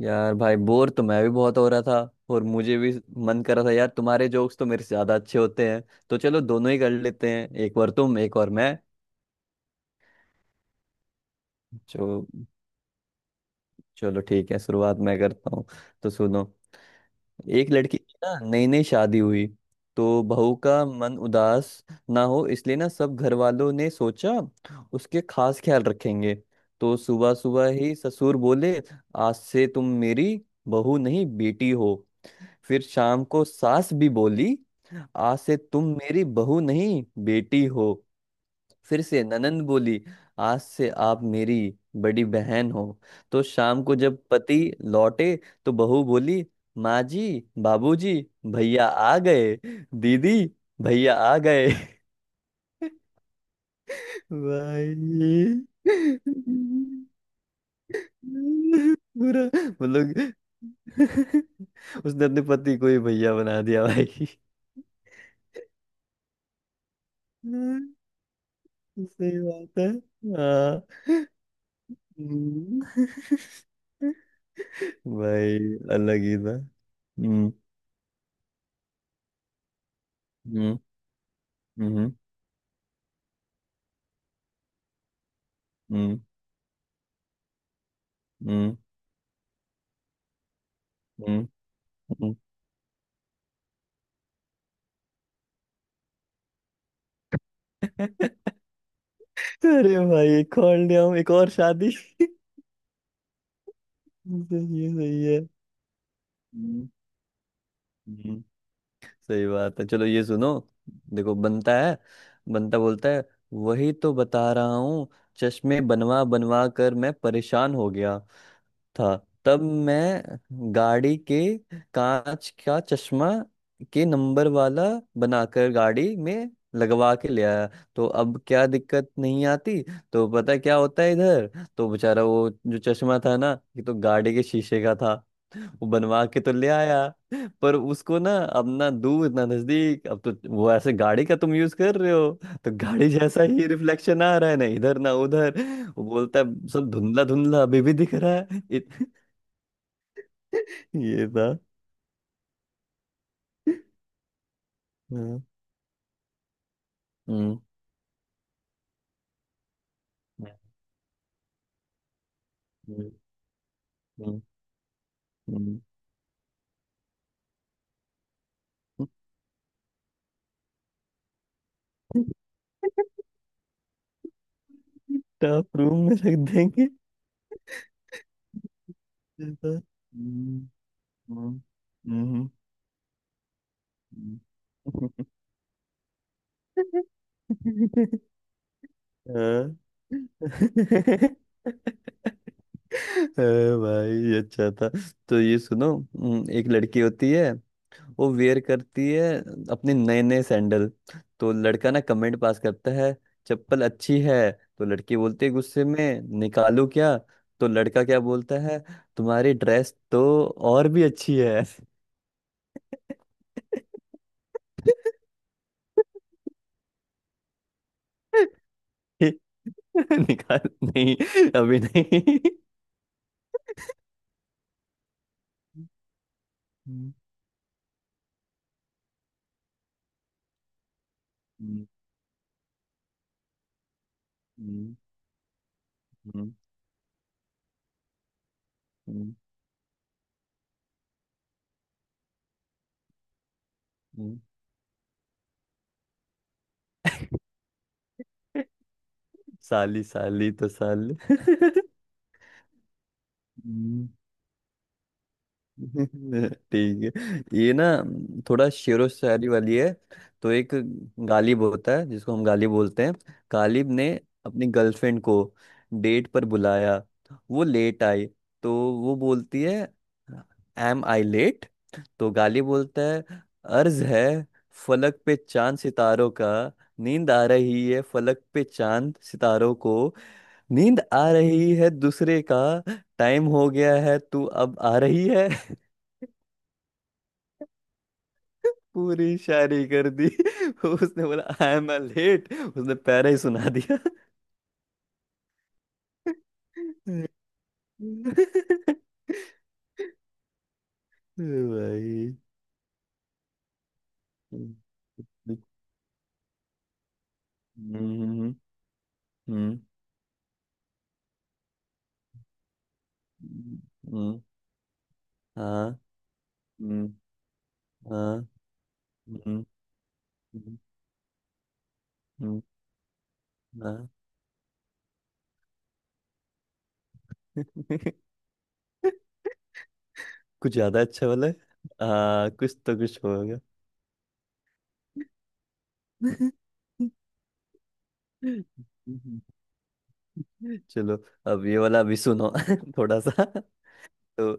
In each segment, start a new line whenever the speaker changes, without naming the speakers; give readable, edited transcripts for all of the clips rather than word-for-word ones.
यार भाई बोर तो मैं भी बहुत हो रहा था और मुझे भी मन कर रहा था। यार, तुम्हारे जोक्स तो मेरे से ज्यादा अच्छे होते हैं। तो चलो दोनों ही कर लेते हैं, एक बार तुम एक और मैं। जो, चलो ठीक है, शुरुआत मैं करता हूँ। तो सुनो, एक लड़की की ना नई नई शादी हुई। तो बहू का मन उदास ना हो इसलिए ना सब घर वालों ने सोचा उसके खास ख्याल रखेंगे। तो सुबह सुबह ही ससुर बोले, आज से तुम मेरी बहू नहीं बेटी हो। फिर शाम को सास भी बोली, आज से तुम मेरी बहू नहीं बेटी हो। फिर से ननंद बोली, आज से आप मेरी बड़ी बहन हो। तो शाम को जब पति लौटे तो बहू बोली, माँ जी, बाबूजी, भैया आ गए। दीदी, भैया आ गए। भाई, पूरा मतलब उसने अपने पति को ही भैया बना दिया, भाई। सही बात है। हाँ। हम्म। भाई अलग ही था। हम्म। हम्म। हम्म। हम्म। हम्म। हम्म। हम्म। अरे भाई एक और ले आओ, एक और शादी सही है, सही है। हम्म। हम्म। सही बात है, चलो ये सुनो। देखो बनता है, बनता बोलता है, वही तो बता रहा हूँ। चश्मे बनवा बनवा कर मैं परेशान हो गया था। तब मैं गाड़ी के कांच का चश्मा के नंबर वाला बनाकर गाड़ी में लगवा के ले आया। तो अब क्या, दिक्कत नहीं आती। तो पता क्या होता है इधर? तो बेचारा वो, जो चश्मा था ना, ये तो गाड़ी के शीशे का था। वो बनवा के तो ले आया पर उसको ना अब ना दूर ना नजदीक। अब तो वो ऐसे गाड़ी का तुम यूज कर रहे हो तो गाड़ी जैसा ही रिफ्लेक्शन आ रहा है, ना इधर ना उधर। वो बोलता है, सब धुंधला धुंधला अभी भी दिख रहा है इत... ये था। हम्म। हम्म। हम्म। हम्म। हम्म। हम्म। स्टाफ रूम में रख देंगे ये था। हम्म। हम्म। हम्म। हम्म। हाँ। अरे भाई ये अच्छा था। तो ये सुनो, एक लड़की होती है, वो वेयर करती है अपने नए नए सैंडल। तो लड़का ना कमेंट पास करता है, चप्पल अच्छी है। तो लड़की बोलती है गुस्से में, निकालू क्या? तो लड़का क्या बोलता है, तुम्हारी ड्रेस तो और भी अच्छी है। निकाल नहीं, अभी नहीं। हम्म। हम्म। हम्म। हम्म। हम्म। हम्म। साली साली तो साली। ठीक है, ये ना थोड़ा शेरो शायरी वाली है। तो एक गालिब होता है जिसको हम गालिब बोलते हैं। गालिब ने अपनी गर्लफ्रेंड को डेट पर बुलाया। वो लेट आई। तो वो बोलती है, एम आई लेट? तो गालिब बोलता है, अर्ज है, फलक पे चांद सितारों का नींद आ रही है। फलक पे चांद सितारों को नींद आ रही है दूसरे का, टाइम हो गया है तू अब आ रही है। पूरी शायरी कर दी। उसने बोला आई एम लेट, उसने पैरा ही सुना दिया। भाई। हम्म। हम्म। हम्म। हाँ। हम्म। हाँ। हम्म। हम्म। हम्म। हाँ। कुछ ज्यादा अच्छा वाला है? हाँ, कुछ तो कुछ होगा। चलो, अब ये वाला भी सुनो थोड़ा सा। तो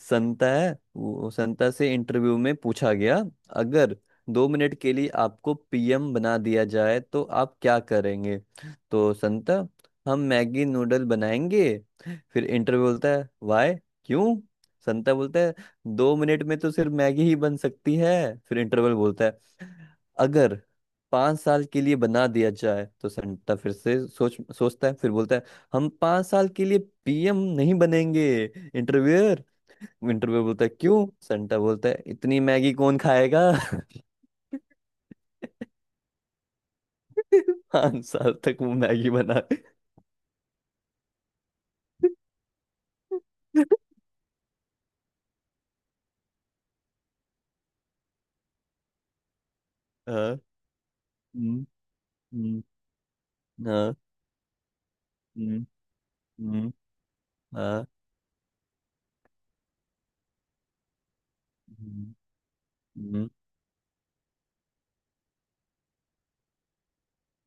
संता है, वो संता से इंटरव्यू में पूछा गया, अगर दो मिनट के लिए आपको पीएम बना दिया जाए तो आप क्या करेंगे। तो संता, हम मैगी नूडल बनाएंगे। फिर इंटरव्यू बोलता है वाय, क्यों? संता बोलता है 2 मिनट में तो सिर्फ मैगी ही बन सकती है। फिर इंटरवल बोलता है, अगर 5 साल के लिए बना दिया जाए। तो संता फिर से सोचता है, फिर बोलता है हम 5 साल के लिए पीएम नहीं बनेंगे। इंटरव्यूअर विंटर पे बोलता है क्यों। सेंटा बोलता है इतनी मैगी कौन खाएगा। 5 साल तक वो मैगी बना। हाँ। हम्म। हम्म। हाँ। हम्म। हम्म। हाँ। हम्म। हम्म।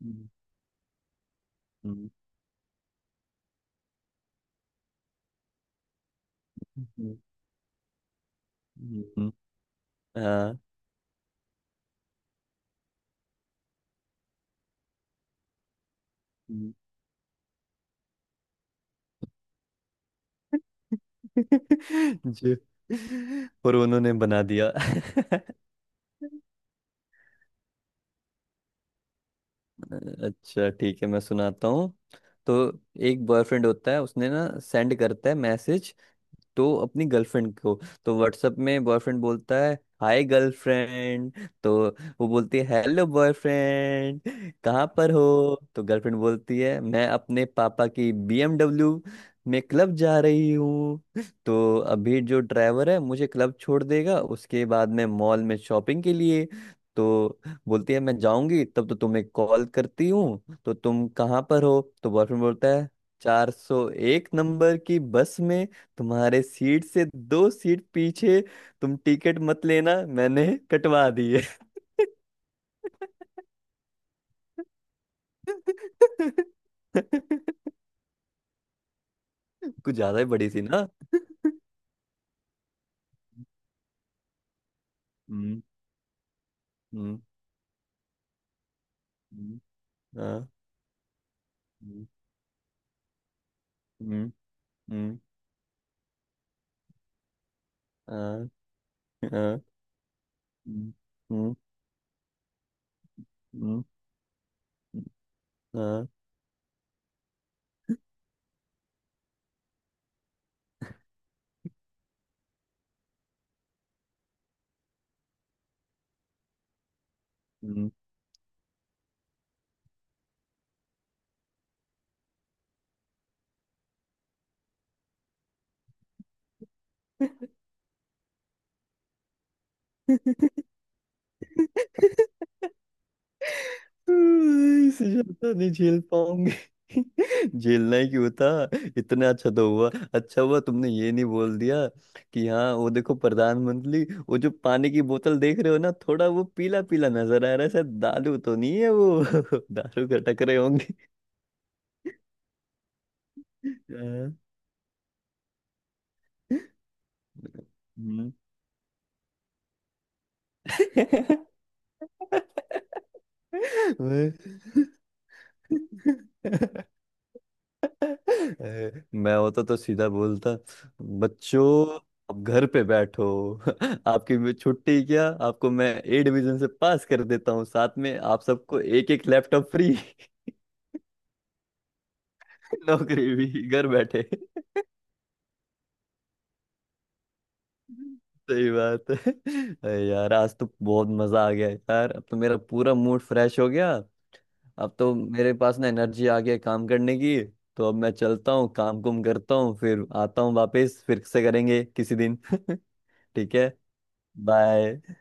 हम्म। हम्म। हम्म। हम्म। हाँ। हम्म। जो, और उन्होंने बना दिया। अच्छा ठीक है, मैं सुनाता हूँ। तो एक बॉयफ्रेंड होता है, उसने ना सेंड करता है मैसेज तो अपनी गर्लफ्रेंड को। तो व्हाट्सएप में बॉयफ्रेंड बोलता है, हाय गर्लफ्रेंड। तो वो बोलती है, हेलो बॉयफ्रेंड, कहाँ पर हो? तो गर्लफ्रेंड बोलती है, मैं अपने पापा की बीएमडब्ल्यू में क्लब जा रही हूँ। तो अभी जो ड्राइवर है मुझे क्लब छोड़ देगा, उसके बाद मैं मॉल में शॉपिंग के लिए, तो बोलती है मैं जाऊंगी तब तो तुम्हें कॉल करती हूँ। तो तुम कहाँ पर हो? तो बॉयफ्रेंड बोलता है, 401 नंबर की बस में, तुम्हारे सीट से दो सीट पीछे। तुम टिकट मत लेना, मैंने कटवा दी है। कुछ ज्यादा ही बड़ी सी ना। हम्म। हम्म। हम्म। हाँ। हम्म। हम्म। हम्म। हाँ। हाँ। हम्म। हम्म। हम्म। हाँ। हम्म। इस ज्यादा नहीं झेल पाऊंगी। झेलना ही क्यों था, इतना अच्छा तो हुआ। अच्छा हुआ तुमने ये नहीं बोल दिया कि हाँ वो देखो प्रधानमंत्री, वो जो पानी की बोतल देख रहे हो ना, थोड़ा वो पीला पीला नजर आ रहा है, शायद दारू तो नहीं है वो। दारू खटक रहे होंगे। हाँ। हम्म। वही। ए, मैं होता तो सीधा बोलता, बच्चों अब घर पे बैठो। आपकी भी छुट्टी, क्या आपको मैं ए डिवीजन से पास कर देता हूँ, साथ में आप सबको एक एक लैपटॉप फ्री। नौकरी भी घर बैठे। सही बात है। अरे यार आज तो बहुत मजा आ गया यार, अब तो मेरा पूरा मूड फ्रेश हो गया। अब तो मेरे पास ना एनर्जी आ गया काम करने की। तो अब मैं चलता हूँ, काम कुम करता हूँ, फिर आता हूँ वापस, फिर से करेंगे किसी दिन। ठीक है, बाय।